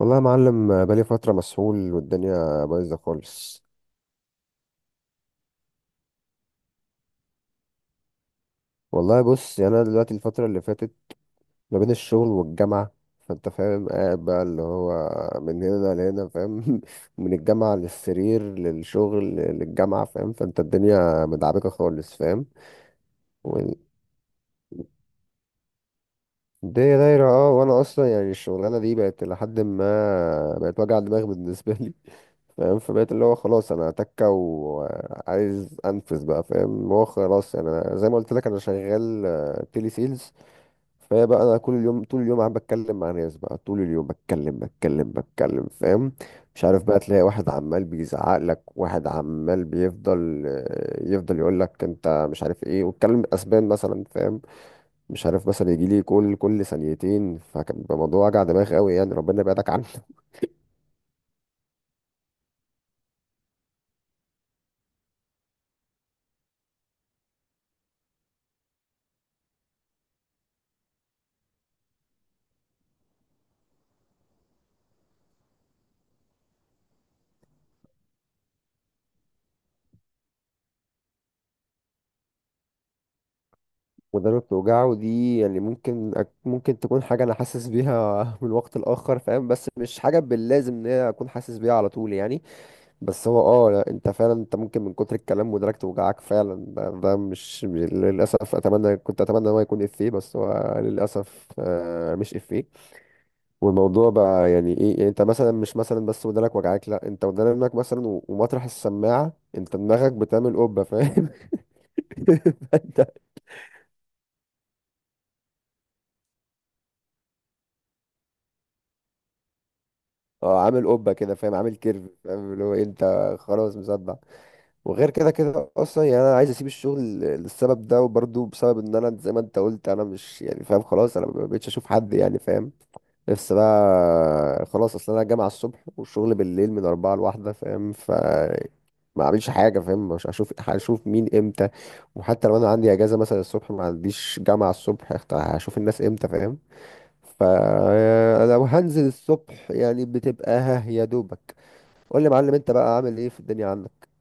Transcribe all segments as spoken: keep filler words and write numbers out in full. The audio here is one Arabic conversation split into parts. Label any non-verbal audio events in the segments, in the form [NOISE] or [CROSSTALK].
والله يا معلم آه، بقالي فترة مسحول والدنيا بايظة خالص. والله بص، يعني أنا دلوقتي الفترة اللي فاتت ما بين الشغل والجامعة، فأنت فاهم، قاعد بقى اللي هو من هنا لهنا فاهم. [LAUGHS] من الجامعة للسرير للشغل للجامعة فاهم، فأنت الدنيا مدعبكة خالص فاهم. الدنيا دايرة، اه وانا اصلا يعني الشغلانة دي بقت لحد ما بقت وجع دماغ بالنسبة لي فاهم. فبقيت اللي هو خلاص انا هتكة وعايز انفذ بقى فاهم. هو خلاص يعني انا زي ما قلت لك انا شغال آه، تيلي سيلز. فهي بقى انا كل اليوم طول اليوم قاعد بتكلم مع ناس بقى طول اليوم بتكلم بتكلم بتكلم فاهم. مش عارف بقى، تلاقي واحد عمال بيزعق لك، واحد عمال بيفضل آه، يفضل يقول لك انت مش عارف ايه، واتكلم اسبان مثلا فاهم. مش عارف، مثلا يجي لي كل كل ثانيتين، فكان بيبقى موضوع وجع دماغ قوي، يعني ربنا يبعدك عنه. [LAUGHS] ودانه بتوجعه دي يعني ممكن أك- ممكن تكون حاجه انا حاسس بيها [LAUGHS] من وقت لاخر فاهم، بس مش حاجه باللازم ان هي اكون حاسس بيها على طول يعني. بس هو اه لا، انت فعلا انت ممكن من كتر الكلام ودانك توجعك فعلا. ده, ده مش مش- للاسف. اتمنى كنت اتمنى إن هو يكون افيه، بس هو للاسف آه، مش افيه. والموضوع بقى يعني ايه، يعني انت مثلا مش مثلا بس ودانك وجعاك، لا انت ودانك مثلا و- ومطرح السماعه انت دماغك بتعمل قبه فاهم. [LAUGHS] فانت اه عامل قبه كده فاهم، عامل كيرف فاهم، اللي هو إيه، انت خلاص مصدع. وغير كده كده اصلا يعني انا عايز اسيب الشغل للسبب ده، وبرضه بسبب ان انا زي ما انت قلت انا مش يعني فاهم. خلاص انا ما بقتش اشوف حد يعني فاهم. نفسي بقى خلاص، اصل انا الجامعه الصبح والشغل بالليل من أربعة لواحدة فاهم، ف ما اعملش حاجه فاهم. مش هشوف هشوف مين امتى. وحتى لو انا عندي اجازه مثلا الصبح ما عنديش جامعه الصبح، اخت- هشوف الناس امتى فاهم. فلو هنزل الصبح يعني بتبقى ها يا دوبك. قول لي يا معلم، انت بقى عامل ايه في الدنيا عندك؟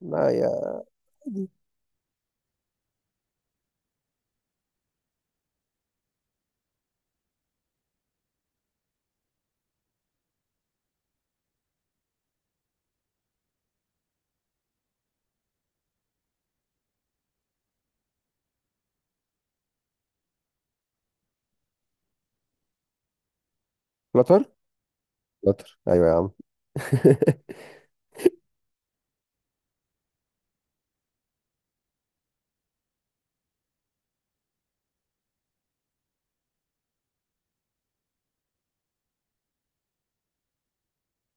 ما يا. عادي. فلتر. فلتر، ايوه يا عم. [LAUGHS]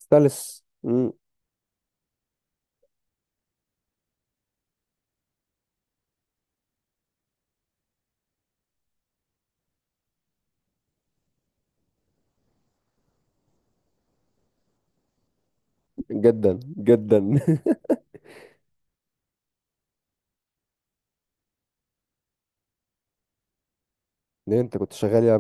ستالس مم، جدا جدا. [LAUGHS] ليه، انت كنت شغال ايه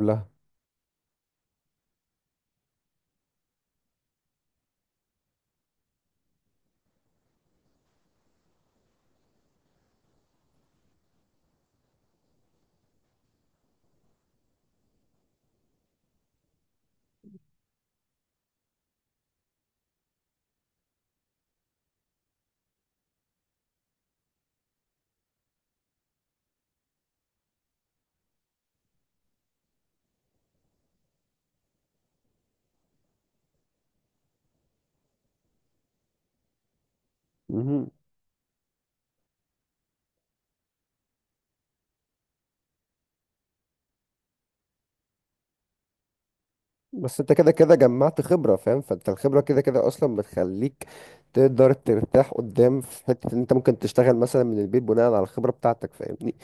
قبلها؟ بس انت كده كده جمعت خبرة فاهم، فانت الخبرة كده كده اصلا بتخليك تقدر ترتاح قدام في حتة ان انت ممكن تشتغل مثلا من البيت بناء على الخبرة بتاعتك فاهمني.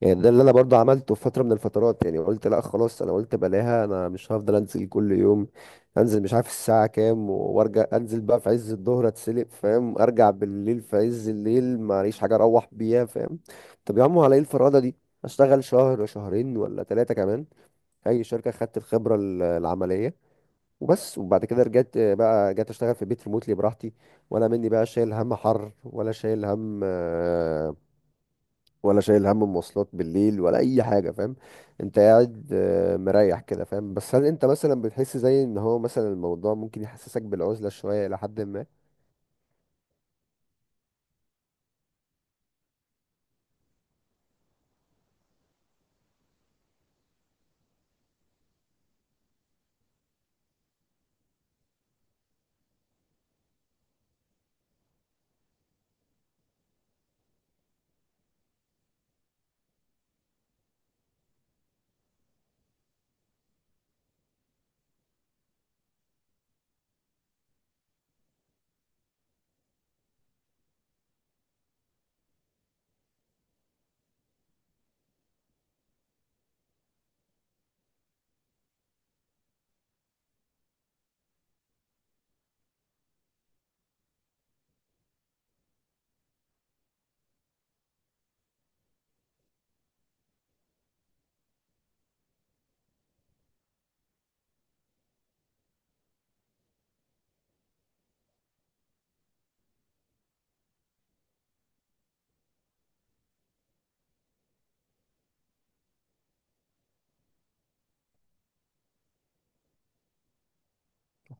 يعني ده اللي انا برضو عملته في فترة من الفترات، يعني قلت لا خلاص، انا قلت بلاها، انا مش هفضل انزل كل يوم. انزل مش عارف الساعة كام وارجع، انزل بقى في عز الظهر اتسلق فاهم، ارجع بالليل في عز الليل معليش حاجة اروح بيها فاهم. طب يا عم على ايه الفرادة دي؟ اشتغل شهر، شهرين ولا ثلاثة كمان، اي شركة، خدت الخبرة ال- العملية وبس. وبعد كده رجعت، آه، بقى جيت اشتغل في البيت ريموتلي براحتي. ولا مني بقى شايل هم حر، ولا شايل هم آه، ولا شايل هم مواصلات بالليل ولا اي حاجه فاهم. انت قاعد آه، مريح كده فاهم. بس هل انت مثلا بتحس زي ان هو مثلا الموضوع ممكن يحسسك بالعزله شويه الى حد ما؟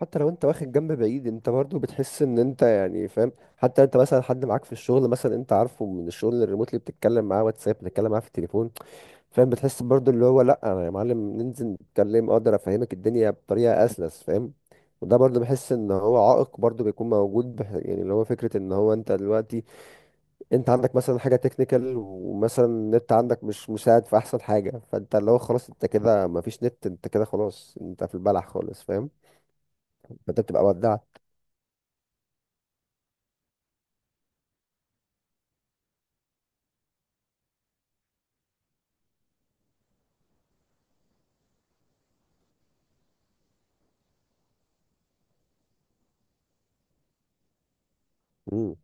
حتى لو انت واخد جنب بعيد، انت برضو بتحس ان انت يعني فاهم. حتى انت مثلا حد معاك في الشغل مثلا، انت عارفه، من الشغل الريموتلي بتتكلم معاه واتساب، بتتكلم معاه في التليفون فاهم، بتحس برضو اللي هو لا انا يا معلم ننزل نتكلم اقدر افهمك الدنيا بطريقه اسلس فاهم. وده برضو بحس ان هو عائق برضو بيكون موجود بح... يعني اللي هو فكره ان هو انت دلوقتي، انت عندك مثلا حاجه تكنيكال، ومثلا النت عندك مش مساعد في احسن حاجه، فانت اللي هو خلاص انت كده مفيش نت، انت كده خلاص انت في البلح خالص فاهم، فانت بتبقى ودعت. مم.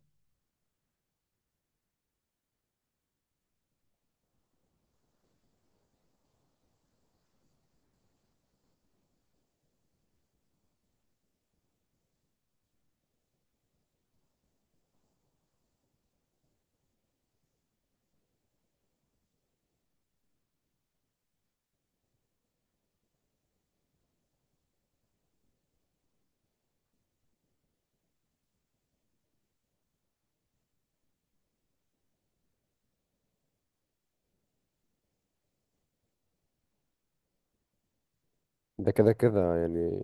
ده كده كده يعني.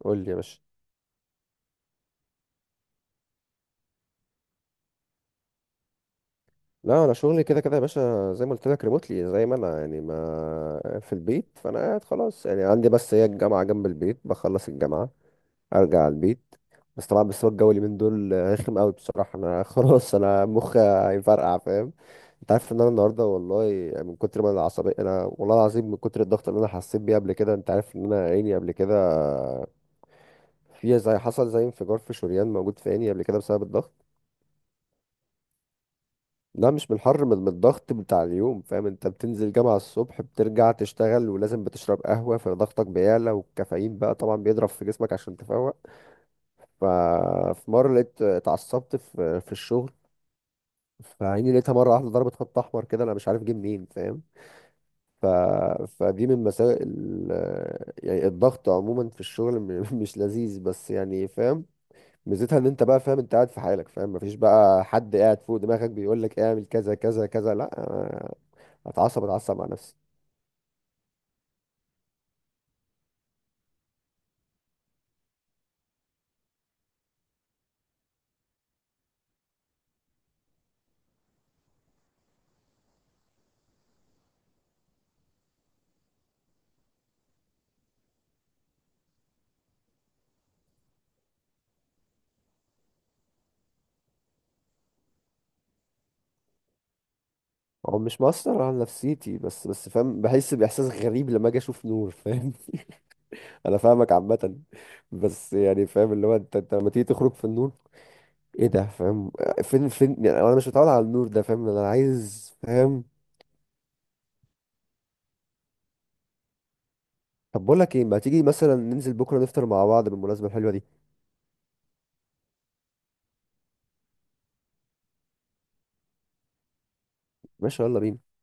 قول لي يا باشا. لا، انا شغلي كده كده يا باشا، زي ما قلت لك ريموتلي، زي ما انا يعني ما في البيت، فانا قاعد خلاص يعني عندي بس هي الجامعه جنب البيت، بخلص الجامعه ارجع على البيت. بس طبعا بس هو الجو اللي من دول رخم قوي بصراحه، انا [LAUGHS] خلاص انا مخي هيفرقع فاهم. انت عارف ان انا النهارده والله يعني من كتر ما انا عصبي، انا والله العظيم من كتر الضغط اللي انا حسيت بيه قبل كده، انت عارف ان انا عيني قبل كده فيها زي حصل زي انفجار في شريان موجود في عيني قبل كده بسبب الضغط. لا مش من الحر، من من الضغط بتاع اليوم فاهم. انت بتنزل جامعة الصبح، بترجع تشتغل، ولازم بتشرب قهوة فضغطك بيعلى، والكافيين بقى طبعا بيضرب في جسمك عشان تفوق. ففي مرة لقيت اتعصبت في في الشغل، فعيني لقيتها مرة واحدة ضربت خط أحمر كده، أنا مش عارف جه منين فاهم. ف... فدي من مساوئ ال... يعني الضغط عموما في الشغل م- [LAUGHS] مش لذيذ بس يعني فاهم. ميزتها ان انت بقى فاهم، انت قاعد في حالك فاهم، مفيش بقى حد قاعد فوق دماغك بيقول لك اعمل كذا كذا كذا، لا اتعصب اتعصب على نفسي. هو مش مؤثر على نفسيتي، بس بس فاهم بحس باحساس غريب لما اجي اشوف نور فاهم. [LAUGHS] انا فاهمك عامه، بس يعني فاهم اللي هو انت انت لما تيجي تخرج في النور ايه ده فاهم، فين فين يعني انا مش متعود على النور ده فاهم، انا عايز فاهم. طب بقول لك ايه، ما تيجي مثلا ننزل بكره نفطر مع بعض بالمناسبه الحلوه دي؟ ماشي يلا بينا.